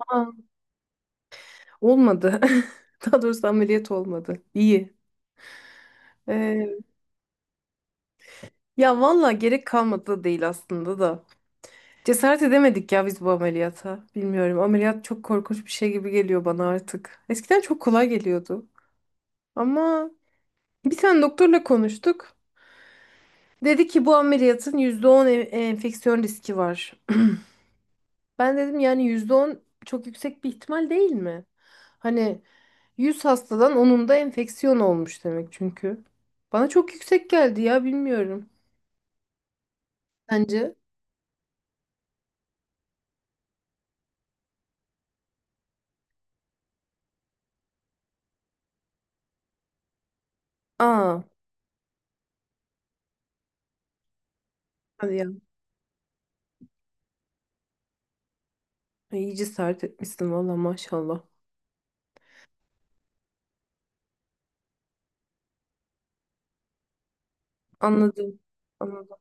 Aa, olmadı. Daha doğrusu ameliyat olmadı. İyi. Ee, ya valla gerek kalmadı da değil aslında da. Cesaret edemedik ya biz bu ameliyata. Bilmiyorum. Ameliyat çok korkunç bir şey gibi geliyor bana artık. Eskiden çok kolay geliyordu. Ama bir tane doktorla konuştuk. Dedi ki bu ameliyatın %10 enfeksiyon riski var. Ben dedim yani %10 çok yüksek bir ihtimal değil mi? Hani 100 hastadan onunda enfeksiyon olmuş demek çünkü. Bana çok yüksek geldi ya bilmiyorum. Bence. Aa, hadi ya. Ay, İyi cesaret etmişsin valla maşallah. Anladım. Anladım.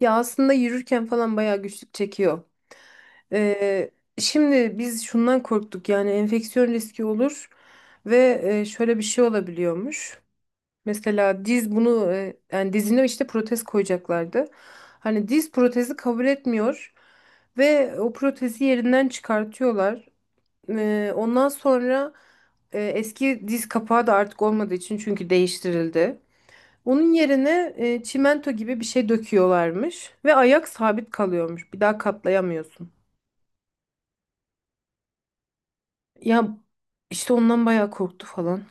Ya aslında yürürken falan bayağı güçlük çekiyor. Ee, şimdi biz şundan korktuk yani enfeksiyon riski olur ve şöyle bir şey olabiliyormuş. Mesela diz bunu yani dizine işte protez koyacaklardı. Hani diz protezi kabul etmiyor ve o protezi yerinden çıkartıyorlar. Ondan sonra eski diz kapağı da artık olmadığı için çünkü değiştirildi. Onun yerine çimento gibi bir şey döküyorlarmış ve ayak sabit kalıyormuş. Bir daha katlayamıyorsun. Ya işte ondan bayağı korktu falan.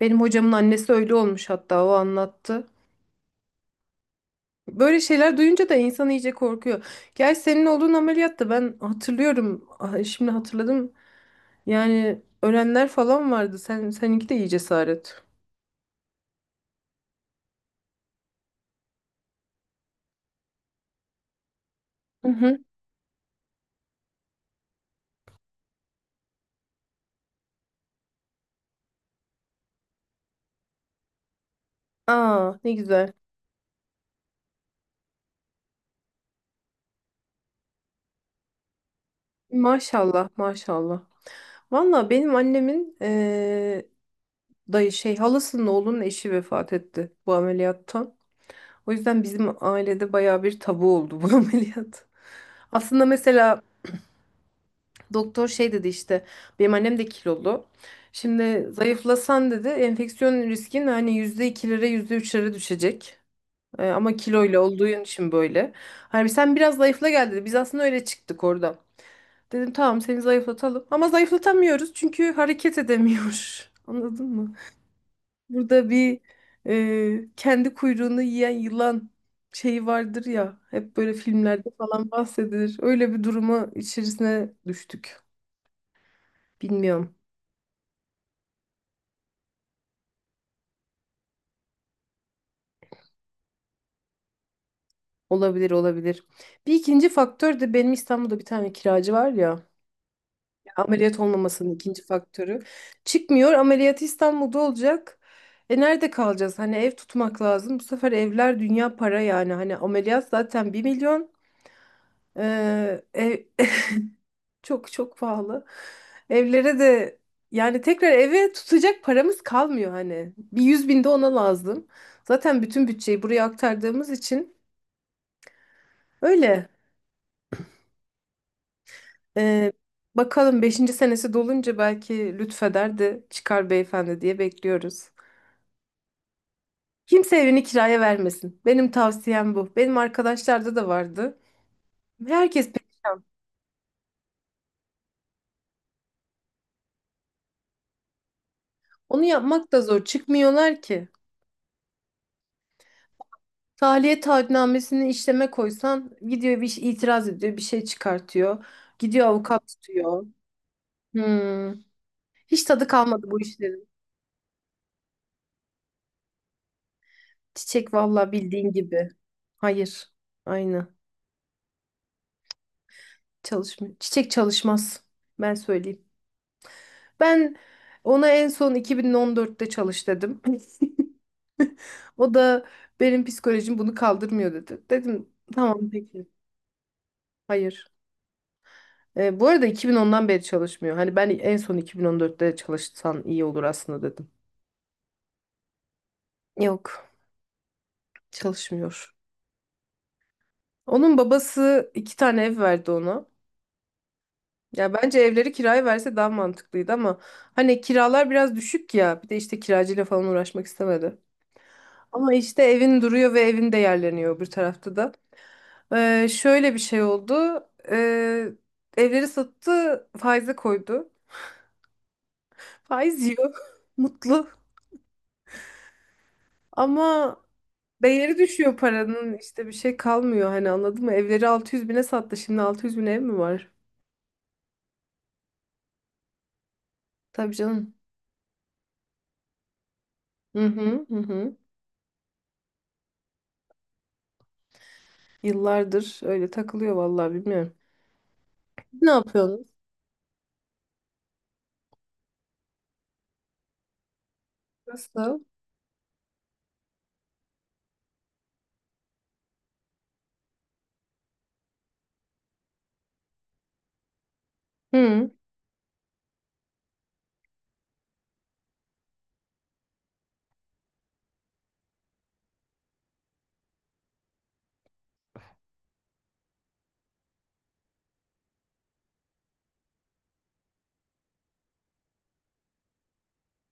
Benim hocamın annesi öyle olmuş hatta o anlattı. Böyle şeyler duyunca da insan iyice korkuyor. Gerçi senin olduğun ameliyatta ben hatırlıyorum. Ah, şimdi hatırladım. Yani ölenler falan vardı. Sen seninki de iyi cesaret. Hı hı. Aa, ne güzel. Maşallah maşallah. Valla benim annemin dayı şey halasının oğlunun eşi vefat etti bu ameliyattan. O yüzden bizim ailede baya bir tabu oldu bu ameliyat. Aslında mesela doktor şey dedi işte benim annem de kilolu. Şimdi zayıflasan dedi enfeksiyon riskin hani %2'lere %3'lere düşecek. Ama kiloyla olduğu için böyle. Hani sen biraz zayıfla gel dedi. Biz aslında öyle çıktık orada. Dedim tamam seni zayıflatalım. Ama zayıflatamıyoruz çünkü hareket edemiyor. Anladın mı? Burada bir kendi kuyruğunu yiyen yılan şeyi vardır ya. Hep böyle filmlerde falan bahsedilir. Öyle bir duruma içerisine düştük. Bilmiyorum. Olabilir olabilir. Bir ikinci faktör de benim İstanbul'da bir tane kiracı var ya ameliyat olmamasının ikinci faktörü. Çıkmıyor ameliyatı İstanbul'da olacak. E nerede kalacağız? Hani ev tutmak lazım. Bu sefer evler dünya para yani. Hani ameliyat zaten 1 milyon. Ev, çok çok pahalı. Evlere de yani tekrar eve tutacak paramız kalmıyor hani. Bir 100 bin de ona lazım. Zaten bütün bütçeyi buraya aktardığımız için öyle. Ee, bakalım beşinci senesi dolunca belki lütfeder de çıkar beyefendi diye bekliyoruz. Kimse evini kiraya vermesin. Benim tavsiyem bu. Benim arkadaşlarda da vardı. Herkes perişan. Onu yapmak da zor. Çıkmıyorlar ki. Tahliye taahhütnamesini işleme koysan gidiyor bir şey itiraz ediyor, bir şey çıkartıyor. Gidiyor avukat tutuyor. Hmm. Hiç tadı kalmadı bu işlerin. Çiçek vallahi bildiğin gibi. Hayır. Aynı. Çalışmıyor. Çiçek çalışmaz. Ben söyleyeyim. Ben ona en son 2014'te çalış dedim. O da benim psikolojim bunu kaldırmıyor dedi. Dedim tamam peki. Hayır. Bu arada 2010'dan beri çalışmıyor. Hani ben en son 2014'te çalışsan iyi olur aslında dedim. Yok, çalışmıyor. Onun babası iki tane ev verdi ona. Ya bence evleri kiraya verse daha mantıklıydı ama hani kiralar biraz düşük ya. Bir de işte kiracıyla falan uğraşmak istemedi. Ama işte evin duruyor ve evin de yerleniyor bir tarafta da. Şöyle bir şey oldu. Ee, evleri sattı, faize koydu. Faiz yiyor, mutlu. Ama değeri düşüyor paranın. İşte bir şey kalmıyor hani anladın mı? Evleri 600 bine sattı. Şimdi 600 bin ev mi var? Tabii canım. Hı hı hı, hı. Yıllardır öyle takılıyor vallahi bilmiyorum. Ne yapıyorsunuz? Nasıl? Hı,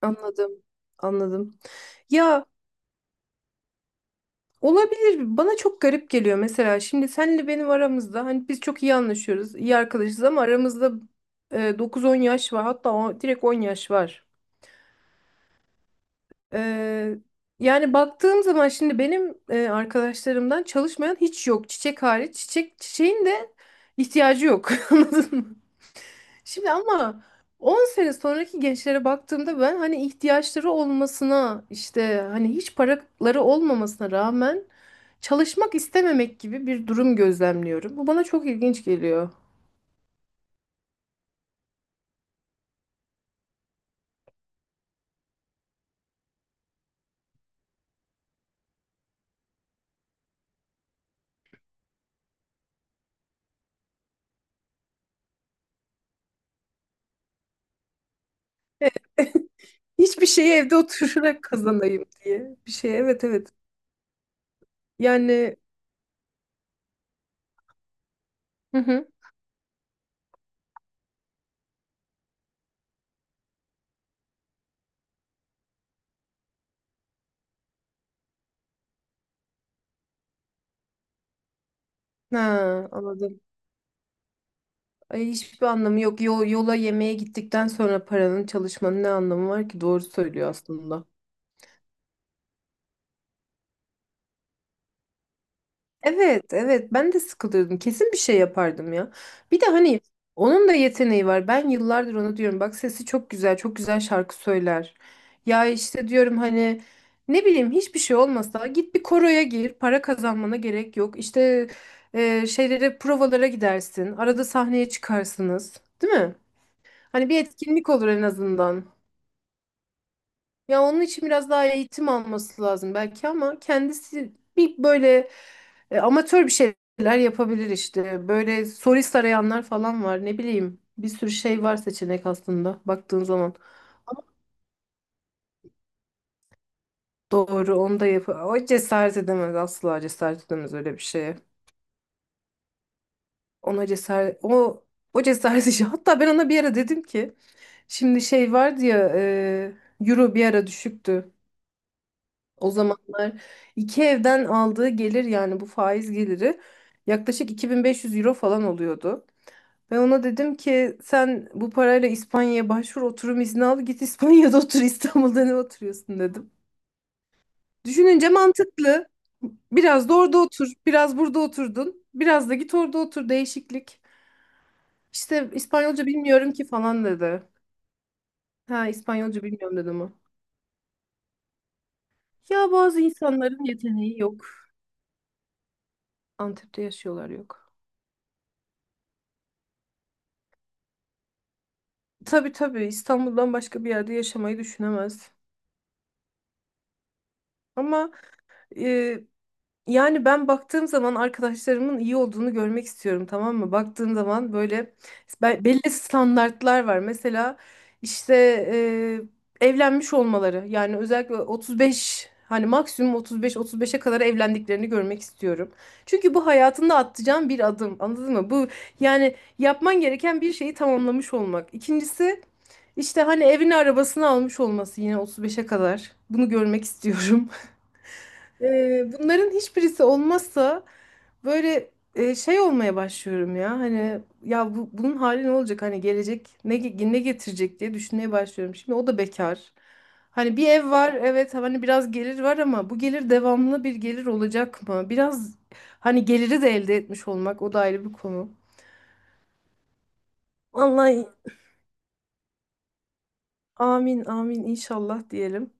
anladım. Anladım. Ya olabilir. Bana çok garip geliyor mesela. Şimdi senle benim aramızda hani biz çok iyi anlaşıyoruz, iyi arkadaşız ama aramızda 9-10 yaş var. Hatta o, direkt 10 yaş var. Ee, yani baktığım zaman şimdi benim arkadaşlarımdan çalışmayan hiç yok. Çiçek hariç. Çiçeğin de ihtiyacı yok. Anladın mı? Şimdi ama 10 sene sonraki gençlere baktığımda ben hani ihtiyaçları olmasına işte hani hiç paraları olmamasına rağmen çalışmak istememek gibi bir durum gözlemliyorum. Bu bana çok ilginç geliyor. Hiçbir şeyi evde oturarak kazanayım diye bir şey. Evet evet. Yani hı hı. Ha, anladım. Ay, hiçbir anlamı yok. Yola yemeğe gittikten sonra paranın çalışmanın ne anlamı var ki? Doğru söylüyor aslında. Evet, evet. Ben de sıkılırdım. Kesin bir şey yapardım ya. Bir de hani onun da yeteneği var. Ben yıllardır ona diyorum. Bak sesi çok güzel, çok güzel şarkı söyler. Ya işte diyorum hani ne bileyim hiçbir şey olmasa git bir koroya gir. Para kazanmana gerek yok. İşte şeylere provalara gidersin. Arada sahneye çıkarsınız, değil mi? Hani bir etkinlik olur en azından. Ya onun için biraz daha eğitim alması lazım belki ama kendisi bir böyle amatör bir şeyler yapabilir işte. Böyle solist arayanlar falan var ne bileyim. Bir sürü şey var seçenek aslında baktığın zaman. Doğru onu da yap. O cesaret edemez asla cesaret edemez öyle bir şeye. Ona cesaret o cesaret işi. Hatta ben ona bir ara dedim ki şimdi şey vardı ya euro bir ara düşüktü. O zamanlar iki evden aldığı gelir yani bu faiz geliri yaklaşık 2500 euro falan oluyordu. Ve ona dedim ki sen bu parayla İspanya'ya başvur oturum izni al git İspanya'da otur İstanbul'da ne oturuyorsun dedim. Düşününce mantıklı. Biraz da orada otur, biraz burada oturdun, biraz da git orada otur değişiklik. İşte İspanyolca bilmiyorum ki falan dedi. Ha İspanyolca bilmiyorum dedim ama. Ya bazı insanların yeteneği yok. Antep'te yaşıyorlar yok. Tabii tabii İstanbul'dan başka bir yerde yaşamayı düşünemez. Ama e, yani ben baktığım zaman arkadaşlarımın iyi olduğunu görmek istiyorum tamam mı? Baktığım zaman böyle belli standartlar var. Mesela işte evlenmiş olmaları yani özellikle 35 hani maksimum 35-35'e kadar evlendiklerini görmek istiyorum. Çünkü bu hayatında atacağın bir adım anladın mı? Bu yani yapman gereken bir şeyi tamamlamış olmak. İkincisi işte hani evini arabasını almış olması yine 35'e kadar bunu görmek istiyorum. Bunların hiçbirisi olmazsa böyle şey olmaya başlıyorum ya. Hani ya bunun hali ne olacak? Hani gelecek ne getirecek diye düşünmeye başlıyorum. Şimdi o da bekar. Hani bir ev var evet hani biraz gelir var ama bu gelir devamlı bir gelir olacak mı? Biraz hani geliri de elde etmiş olmak o da ayrı bir konu. Vallahi amin amin inşallah diyelim.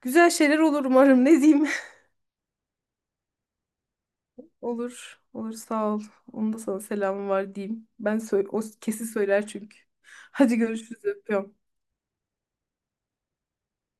Güzel şeyler olur umarım ne diyeyim. Olur. Olur sağ ol. Onun da sana selamı var diyeyim. Ben o kesin söyler çünkü. Hadi görüşürüz öpüyorum.